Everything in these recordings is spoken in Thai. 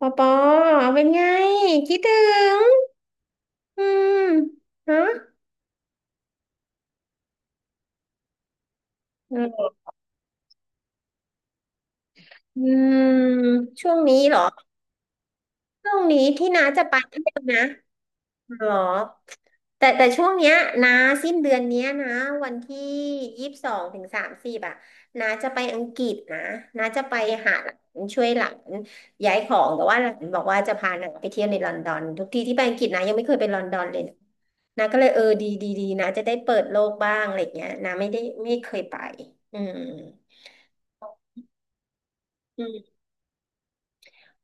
ปอปอเป็นไงคิดถึง อืมฮะเอออืม ช่วงนี้เหรอ ช่วงนี้ที่น้าจะไปเที่ยวนะ หรอแต่ช่วงเนี้ยนะสิ้นเดือนเนี้ยนะวันที่ยี่สิบสองถึงสามสิบอ่ะนาจะไปอังกฤษนะนาจะไปหาหลานช่วยหลานย้ายของแต่ว่าหลานบอกว่าจะพาหนางไปเที่ยวในลอนดอนทุกทีที่ไปอังกฤษนะยังไม่เคยไปลอนดอนเลยนะนาก็เลยเออดีดีดีนะจะได้เปิดโลกบ้างอะไรเงี้ยนาไม่ได้ไม่เคยไปอืม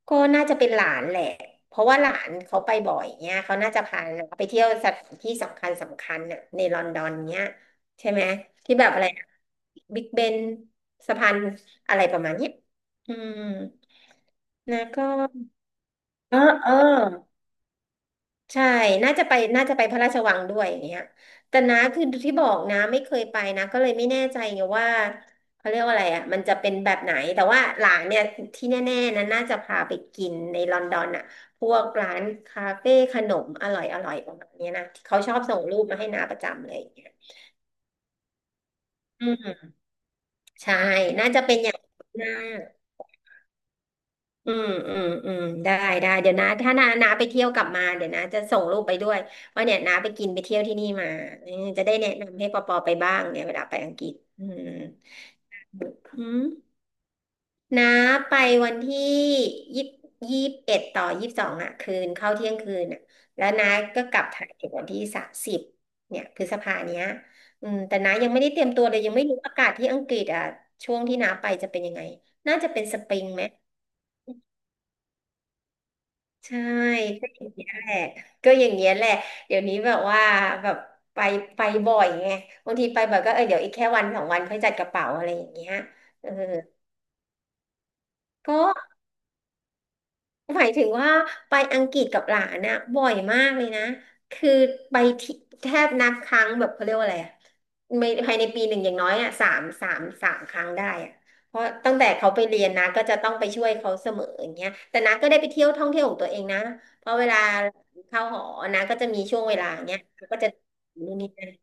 ก็น่าจะเป็นหลานแหละ เพราะว่าหลานเขาไปบ่อยเนี่ย เขาน่าจะพาน้าไปเที่ยวสถานที่สำคัญสำคัญน่ะในลอนดอนเนี่ยใช่ไหมที่แบบอะไรบิ๊กเบนสะพานอะไรประมาณเนี้ยอืมแล้วก็เออเออ ใช่น่าจะไปพระราชวังด้วยอย่างเงี้ยแต่นะคือที่บอกนะไม่เคยไปนะก็เลยไม่แน่ใจไงว่าเขาเรียกว่าอะไรอ่ะมันจะเป็นแบบไหนแต่ว่าหลานเนี่ยที่แน่ๆนะน่าจะพาไปกินในลอนดอนอ่ะพวกร้านคาเฟ่ขนมอร่อยอร่อยประมาณเนี้ยนะที่เขาชอบส่งรูปมาให้น้าประจำเลยอย่างเงี้ยอืมใช่น่าจะเป็นอย่างนั้นนะ อืมอืมอืมได้ได้เดี๋ยวนะถ้านาไปเที่ยวกลับมาเดี๋ยวนะจะส่งรูปไปด้วยว่าเนี่ยนาไปกินไปเที่ยวที่นี่มาเออจะได้แนะนำให้ปอปอไปบ้างเนี่ยเวลาไปอังกฤษอืมอืมนาไปวันที่ยี่ยี่สิบเอ็ดต่อยี่สิบสองอ่ะคืนเข้าเที่ยงคืนอ่ะแล้วนาก็กลับไทยถึงวันที่สามสิบเนี่ยพฤษภาเนี้ยอืมแต่นายังไม่ได้เตรียมตัวเลยยังไม่รู้อากาศที่อังกฤษอ่ะช่วงที่นาไปจะเป็นยังไงน่าจะเป็นสปริงไหม ใช่ก็อย่างเงี้ยแหละก็อย่างเงี้ยแหละเดี๋ยวนี้แบบว่าแบบไปไปบ่อยไงบางทีไปบ่อยก็เออเดี๋ยวอีกแค่วันสองวันค่อยจัดกระเป๋าอะไรอย่างเงี้ยเออก็ หมายถึงว่าไปอังกฤษกับหลานนะบ่อยมากเลยนะคือไปที่แทบนับครั้งแบบเขาเรียกว่าอะไรอะไม่ภายในปีหนึ่งอย่างน้อยอะสามครั้งได้อะเพราะตั้งแต่เขาไปเรียนนะก็จะต้องไปช่วยเขาเสมออย่างเงี้ยแต่นะก็ได้ไปเที่ยวท่องเที่ยวของตัวเองนะเพราะเวลาเข้าหอนะก็จะมีช่วงเวลาเนี้ยก็จะนู่นนี่นน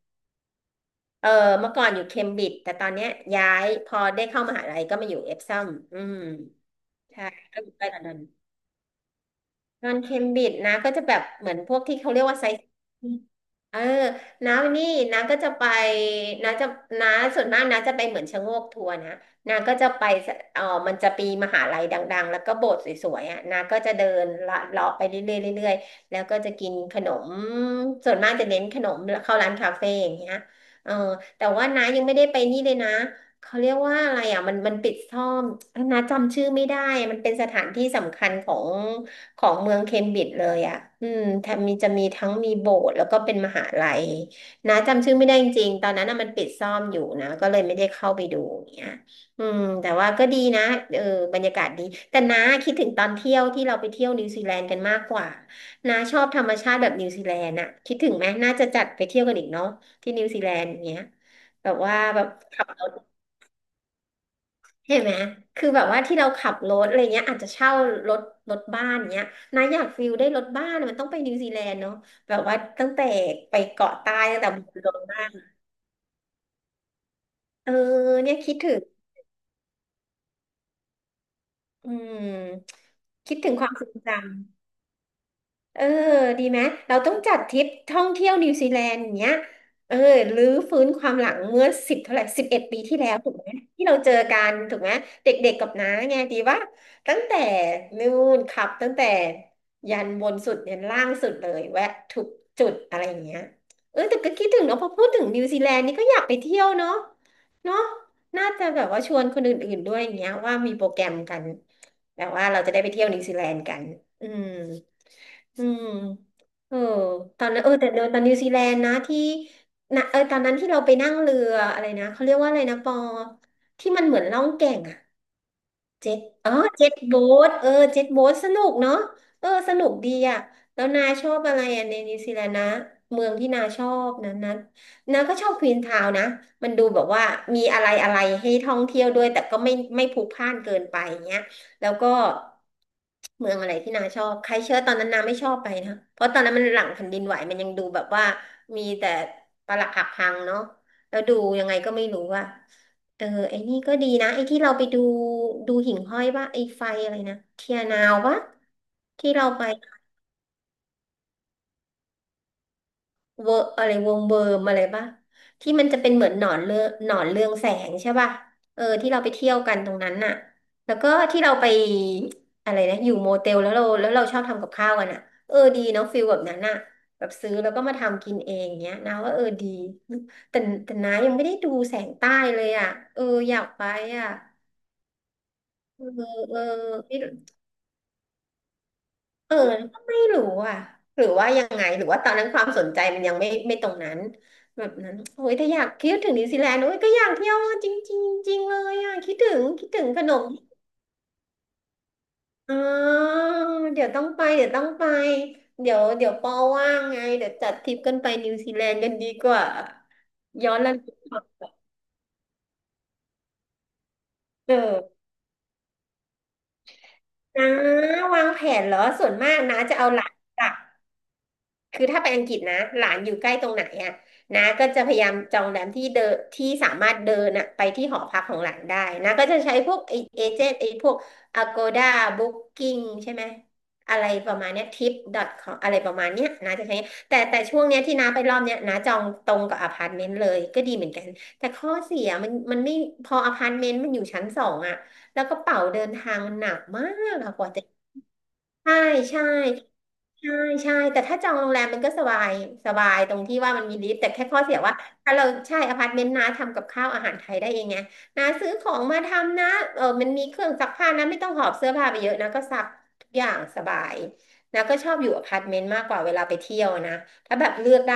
เออเมื่อก่อนอยู่เคมบริดจ์แต่ตอนเนี้ยย้ายพอได้เข้ามหาลัยก็มาอยู่เอฟซัมอืมใช่ก็อยู่ใกล้ลอนดอน นอนเคมบริดจ์นะก็จะแบบเหมือนพวกที่เขาเรียกว่าไซต์เออน้านี่น้าก็จะไปน้าจะน้าส่วนมากน้าจะไปเหมือนชะโงกทัวร์นะน้าก็จะไปสเออมันจะปีมหาลัยดังๆแล้วก็โบสถ์สวยๆอ่ะน้าก็จะเดินละเลาะไปเรื่อยๆเรื่อยๆแล้วก็จะกินขนมส่วนมากจะเน้นขนมเข้าร้านคาเฟ่อย่างเงี้ยเออแต่ว่าน้ายังไม่ได้ไปนี่เลยนะเขาเรียกว่าอะไรอ่ะมันปิดซ่อมน้าจำชื่อไม่ได้มันเป็นสถานที่สำคัญของ เมืองเคมบริดจ์เลยอ่ะอืมแถมมีจะมีทั้งมีโบสถ์แล้วก็เป็นมหาลัยนะจำชื่อไม่ได้จริงๆตอนนั้นน่ะมันปิดซ่อมอยู่นะก็เลยไม่ได้เข้าไปดูอย่างเงี้ยอืมแต่ว่าก็ดีนะเออบรรยากาศดีแต่น้าคิดถึงตอนเที่ยวที่เราไปเที่ยวนิวซีแลนด์กันมากกว่าน้าชอบธรรมชาติแบบนิวซีแลนด์อะคิดถึงไหมน่าจะจัดไปเที่ยวกันอีกเนาะที่นิวซีแลนด์อย่างเงี้ยแบบว่าแบบขับรถ เห็นไหม คือแบบว่าที่เราขับรถอะไรเงี้ยอาจจะเช่ารถรถบ้านเงี้ยนะอยากฟิลได้รถบ้านมันต้องไปนิวซีแลนด์เนาะแบบว่าตั้งแต่ไปเกาะใต้ตั้งแต่บุรีรัมย์เออเนี่ยคิดถึงอืมคิดถึงความทรงจำ เออดีไหมเราต้องจัดทริปท่องเที่ยวนิวซีแลนด์อย่างเงี้ยเออรื้อฟื้นความหลังเมื่อสิบเท่าไหร่11 ปีที่แล้วถูกไหมที่เราเจอกันถูกไหมเด็กๆกับน้าไงดีว่าตั้งแต่นู่นขับตั้งแต่ยันบนสุดยันล่างสุดเลยแวะทุกจุดอะไรอย่างเงี้ยเออแต่ก็คิดถึงเนาะพอพูดถึงนิวซีแลนด์นี่ก็อยากไปเที่ยวเนาะเนาะน่าจะแบบว่าชวนคนอื่นๆด้วยอย่างเงี้ยว่ามีโปรแกรมกันแบบว่าเราจะได้ไปเที่ยวนิวซีแลนด์กันอืม อืมเออตอนนั้นเออแต่เดินตอนนิวซีแลนด์นะที่นะเออตอนนั้นที่เราไปนั่งเรืออะไรนะเขาเรียกว่าอะไรนะปอที่มันเหมือนล่องแก่ง เจ็ตอ๋อเจ็ตโบ๊ทเออเจ็ตโบ๊ทสนุกเนาะเออสนุกดีอ่ะแล้วนาชอบอะไรอ่ะในนิวซีแลนด์นะ เมืองที่นาชอบนั้นนาก็ชอบควีนทาวน์นะมันดูแบบว่ามีอะไรอะไรให้ท่องเที่ยวด้วยแต่ก็ไม่พลุกพล่านเกินไปอย่างเงี้ยแล้วก็เมืองอะไรที่นาชอบใครเชื่อตอนนั้นนาไม่ชอบไปนะเพราะตอนนั้นมันหลังแผ่นดินไหวมันยังดูแบบว่ามีแต่ปรักหักพังเนาะแล้วดูยังไงก็ไม่รู้อ่ะ เออไอ้นี่ก็ดีนะไอ้ที่เราไปดูดูหิ่งห้อยป่ะไอ้ไฟอะไรนะเทียนาวป่ะที่เราไปเวอร์อะไรวงเวิร์มอะไรป่ะที่มันจะเป็นเหมือนหนอนเรืองหนอนเรืองแสงใช่ป่ะเออที่เราไปเที่ยวกันตรงนั้นน่ะแล้วก็ที่เราไปอะไรนะอยู่โมเตลแล้วเราชอบทำกับข้าวกันอ่ะเออดีเนาะฟิลแบบนั้นน่ะแบบซื้อแล้วก็มาทำกินเองเงี้ยนะว่าเออดีแต่แต่น้ายังไม่ได้ดูแสงใต้เลยอ่ะเอออยากไปอ่ะเออเออ เออก็ไม่รู้อ่ะหรือว่ายังไงหรือว่าตอนนั้นความสนใจมันยังไม่ตรงนั้นแบบนั้นโอ้ยถ้าอยากคิดถึงนิวซีแลนด์โอ้ยก็อยากเที่ยวจริงจริงจริงเลยอ่ะคิดถึงคิดถึงขนมอ๋อเดี๋ยวต้องไปเดี๋ยวต้องไปเดี๋ยวเดี๋ยวปอว่างไงเดี๋ยวจัดทริปกันไปนิวซีแลนด์กันดีกว่าย้อนระลึกเออนะวางแผนเหรอส่วนมากนะจะเอาหลัก คือถ้าไปอังกฤษนะหลานอยู่ใกล้ตรงไหนอะนาก็จะพยายามจองแรมที่เดินที่สามารถเดินอะไปที่หอพักของหลานได้นาก็จะใช้พวกไอเอเจนต์ไอพวก Agoda Booking ใช่ไหมอะไรประมาณเนี้ย tip.com อทคอมอะไรประมาณเนี้ยนาจะใช้แต่ช่วงเนี้ยที่นาไปรอบเนี้ยนาจองตรงกับอพาร์ตเมนต์เลยก็ดีเหมือนกันแต่ข้อเสียมันไม่พออพาร์ตเมนต์มันอยู่ชั้นสองอะแล้วกระเป๋าเดินทางมันหนักมากอะกว่าจะ ใช่ใช่ใช่ใช่แต่ถ้าจองโรงแรมมันก็สบายสบายตรงที่ว่ามันมีลิฟต์แต่แค่ข้อเสียว่าถ้าเราใช่อพาร์ตเมนต์นะทำกับข้าวอาหารไทยได้เองไงนะซื้อของมาทำนะเออมันมีเครื่องซักผ้านะไม่ต้องหอบเสื้อผ้าไปเยอะนะก็ซักทุกอย่างสบายนะก็ชอบอยู่อพาร์ตเมนต์มากกว่าเวลาไปเที่ยวนะถ้าแบบเลือกได้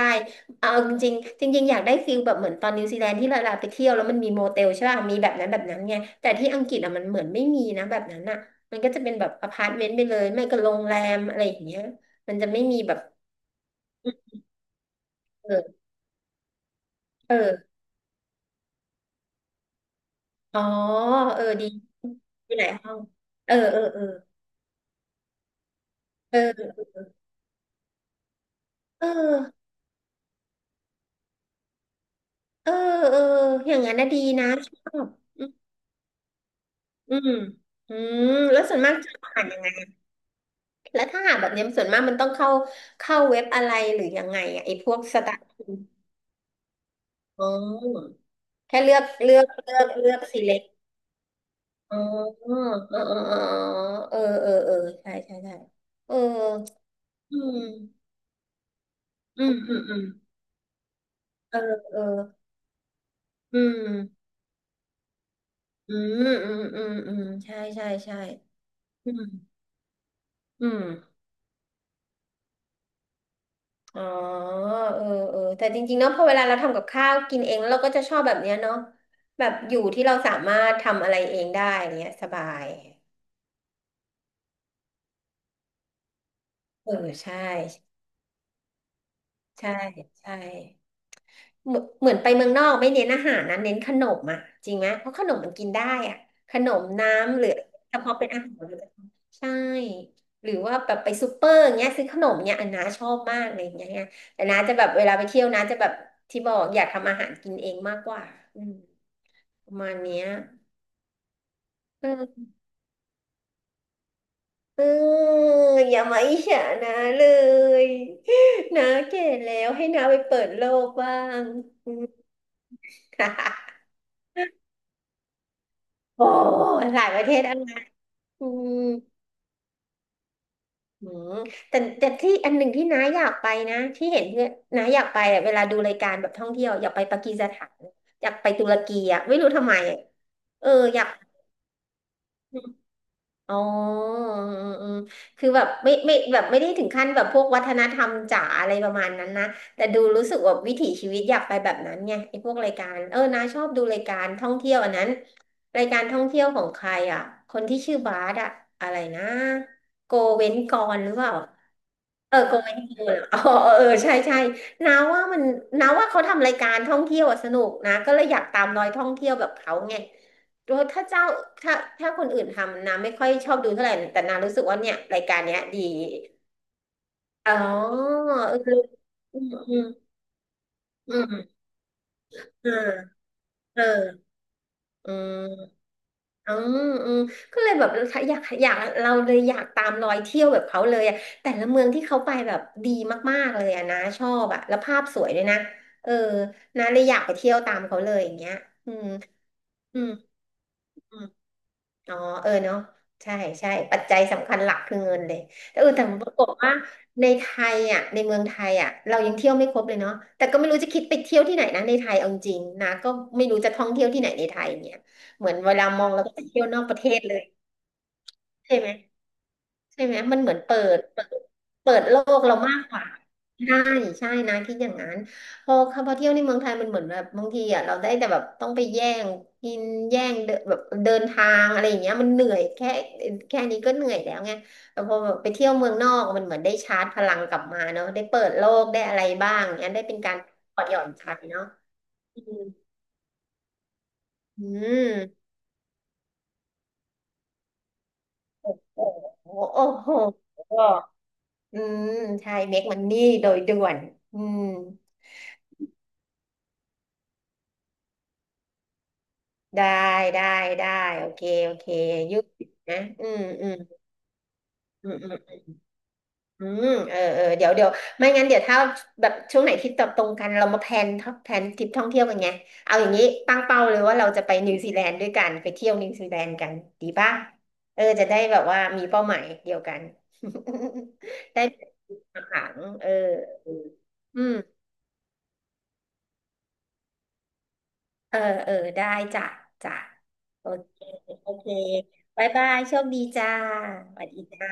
เอาจริงๆจริงๆอยากได้ฟิลแบบเหมือนตอนนิวซีแลนด์ที่เราไปเที่ยวแล้วมันมีโมเตลใช่ป่ะมีแบบนั้นแบบนั้นไงแต่ที่อังกฤษอะมันเหมือนไม่มีนะแบบนั้นอะ มันก็จะเป็นแบบอพาร์ตเมนต์ไปเลย ไม่ก็โรงแรมอะไรอย่างเงี้ยมันจะไม่มีแบบเออเอออ๋อเออดีมีหลายห้องเออเออเออเออเออเออเอออย่างนั้นนะดีนะชอบอืมอืมอืม แล้วส่วนมากจะอ่านยังไงแล้วถ้าหาแบบเนี้ยส่วนมากมันต้องเข้าเข้าเว็บอะไรหรือยังไงอะไอ้พวกสตาร์ทอ๋อแค่เลือกสิเล อ๋อเออเออเออเออเออเออใช่ใช่ใช่เอออืมอืมอืมอืมเออเอออืมอืมอืมอืมอืมใช่ใช่ใช่อืมอืมอ๋อเออเออแต่จริงๆเนาะพอเวลาเราทำกับข้าวกินเองแล้วเราก็จะชอบแบบเนี้ยเนาะแบบอยู่ที่เราสามารถทำอะไรเองได้เนี้ยสบาย เออใช่ใช่ใช่ เหมือนไปเมืองนอกไม่เน้นอาหารนะเน้นขนมอ่ะจริงไหมเพราะขนมมันกินได้อ่ะขนมน้ำหรือแต่พอเป็นอาหารเลยใช่หรือว่าแบบไปซูเปอร์อย่างเงี้ยซื้อขนมเนี้ยอันน้าชอบมากเลยอย่างเงี้ยแต่น้าจะแบบเวลาไปเที่ยวน้าจะแบบที่บอกอยากทำอาหารกินเองมากกว่าอืมประมาณเนี้ยเออเอออย่ามาอิจฉานะเลย นะแก่แล้วให้น้าไปเปิดโลกบ้างอืม โอ้หลายประเทศ อืมอืมแต่ที่อันหนึ่งที่น้าอยากไปนะที่เห็นเพื่อนน้าอยากไปอะเวลาดูรายการแบบท่องเที่ยวอยากไปปากีสถานอยากไปตุรกีอ่ะไม่รู้ทำไมอะเอออยาก อ๋อเออเออคือแบบไม่แบบไม่ได้ถึงขั้นแบบพวกวัฒนธรรมจ๋าอะไรประมาณนั้นนะ แต่ดูรู้สึกว่าวิถีชีวิตอยากไปแบบนั้นไงไอ้พวกรายการ เออนาชอบดูรายการท่องเที่ยวอันนั้น รายการท่องเที่ยวของใครอ่ะคนที่ชื่อบาร์ดอะอะไรนะโกเว้นกรหรือเปล่าเออโกเวนกลเหรออ๋อเออเออใช่ใช่นาว่ามันนาว่าเขาทำรายการท่องเที่ยวอะสนุกนะก็เลยอยากตามรอยท่องเที่ยวแบบเขาไง ถ้าเจ้าถ้าถ้าคนอื่นทำนาไม่ค่อยชอบดูเท่าไหร่แต่นารู้สึกว่าเนี่ยรายการเนี้ยดีอ๋อเอออืมอืมอืมเออเอออืมอืมอืมก็เลยแบบอยากอยากเราเลยอยากตามรอยเที่ยวแบบเขาเลยอะแต่ละเมืองที่เขาไปแบบดีมากๆเลยอะนะชอบอะแล้วภาพสวยด้วยนะเออนะเลยอยากไปเที่ยวตามเขาเลยอย่างเงี้ยอืมอืม อ๋อเออเนาะใช่ใช่ปัจจัยสำคัญหลักคือเงินเลยแต่เออแต่ปรากฏว่าในไทยอ่ะในเมืองไทยอ่ะเรายังเที่ยวไม่ครบเลยเนาะแต่ก็ไม่รู้จะคิดไปเที่ยวที่ไหนนะในไทยเอาจริงนะก็ไม่รู้จะท่องเที่ยวที่ไหนในไทยเนี่ยเหมือนเวลามองเราก็จะเที่ยวนอกประเทศเลยใช่ไหม ใช่ไหมมันเหมือนเปิดเปิดโลกเรามากกว่าใช่ใช่นะคิดอย่างนั้นพอเข้ามาเที่ยวในเมืองไทยมันเหมือนแบบบางทีอ่ะเราได้แต่แบบต้องไปแย่งกินแย่งเดินแบบเดินทางอะไรอย่างเงี้ยมันเหนื่อยแค่นี้ก็เหนื่อยแล้วไงแต่พอแบบไปเที่ยวเมืองนอกมันเหมือนได้ชาร์จพลังกลับมาเนาะได้เปิดโลกได้อะไรบ้างเงี้ยได้เป็นการปลดหย่อนใจเนาะอืมอืมโอ้โหโอ้โหอืมใช่เมคมันนี่โดยด่วนอืม ได้ได้ได้โอเคโอเคยุคนะอืมอืมอืมอืมอืมเออเออเดี๋ยวเดี๋ยวไม่งั้นเดี๋ยวถ้าแบบช่วงไหนที่ตอบตรงกันเรามาแพลนทริปท่องเที่ยวกันไงเอาอย่างนี้ตั้งเป้าเลยว่าเราจะไปนิวซีแลนด์ด้วยกันไปเที่ยวนิวซีแลนด์กันดีป่ะเออจะได้แบบว่ามีเป้าหมายเดียวกัน ได้ ขังเอออืม เออเออได้จ้ะจ้ะโอเคโอเคบ๊ายบายโชคดีจ้าสวัสดีจ้า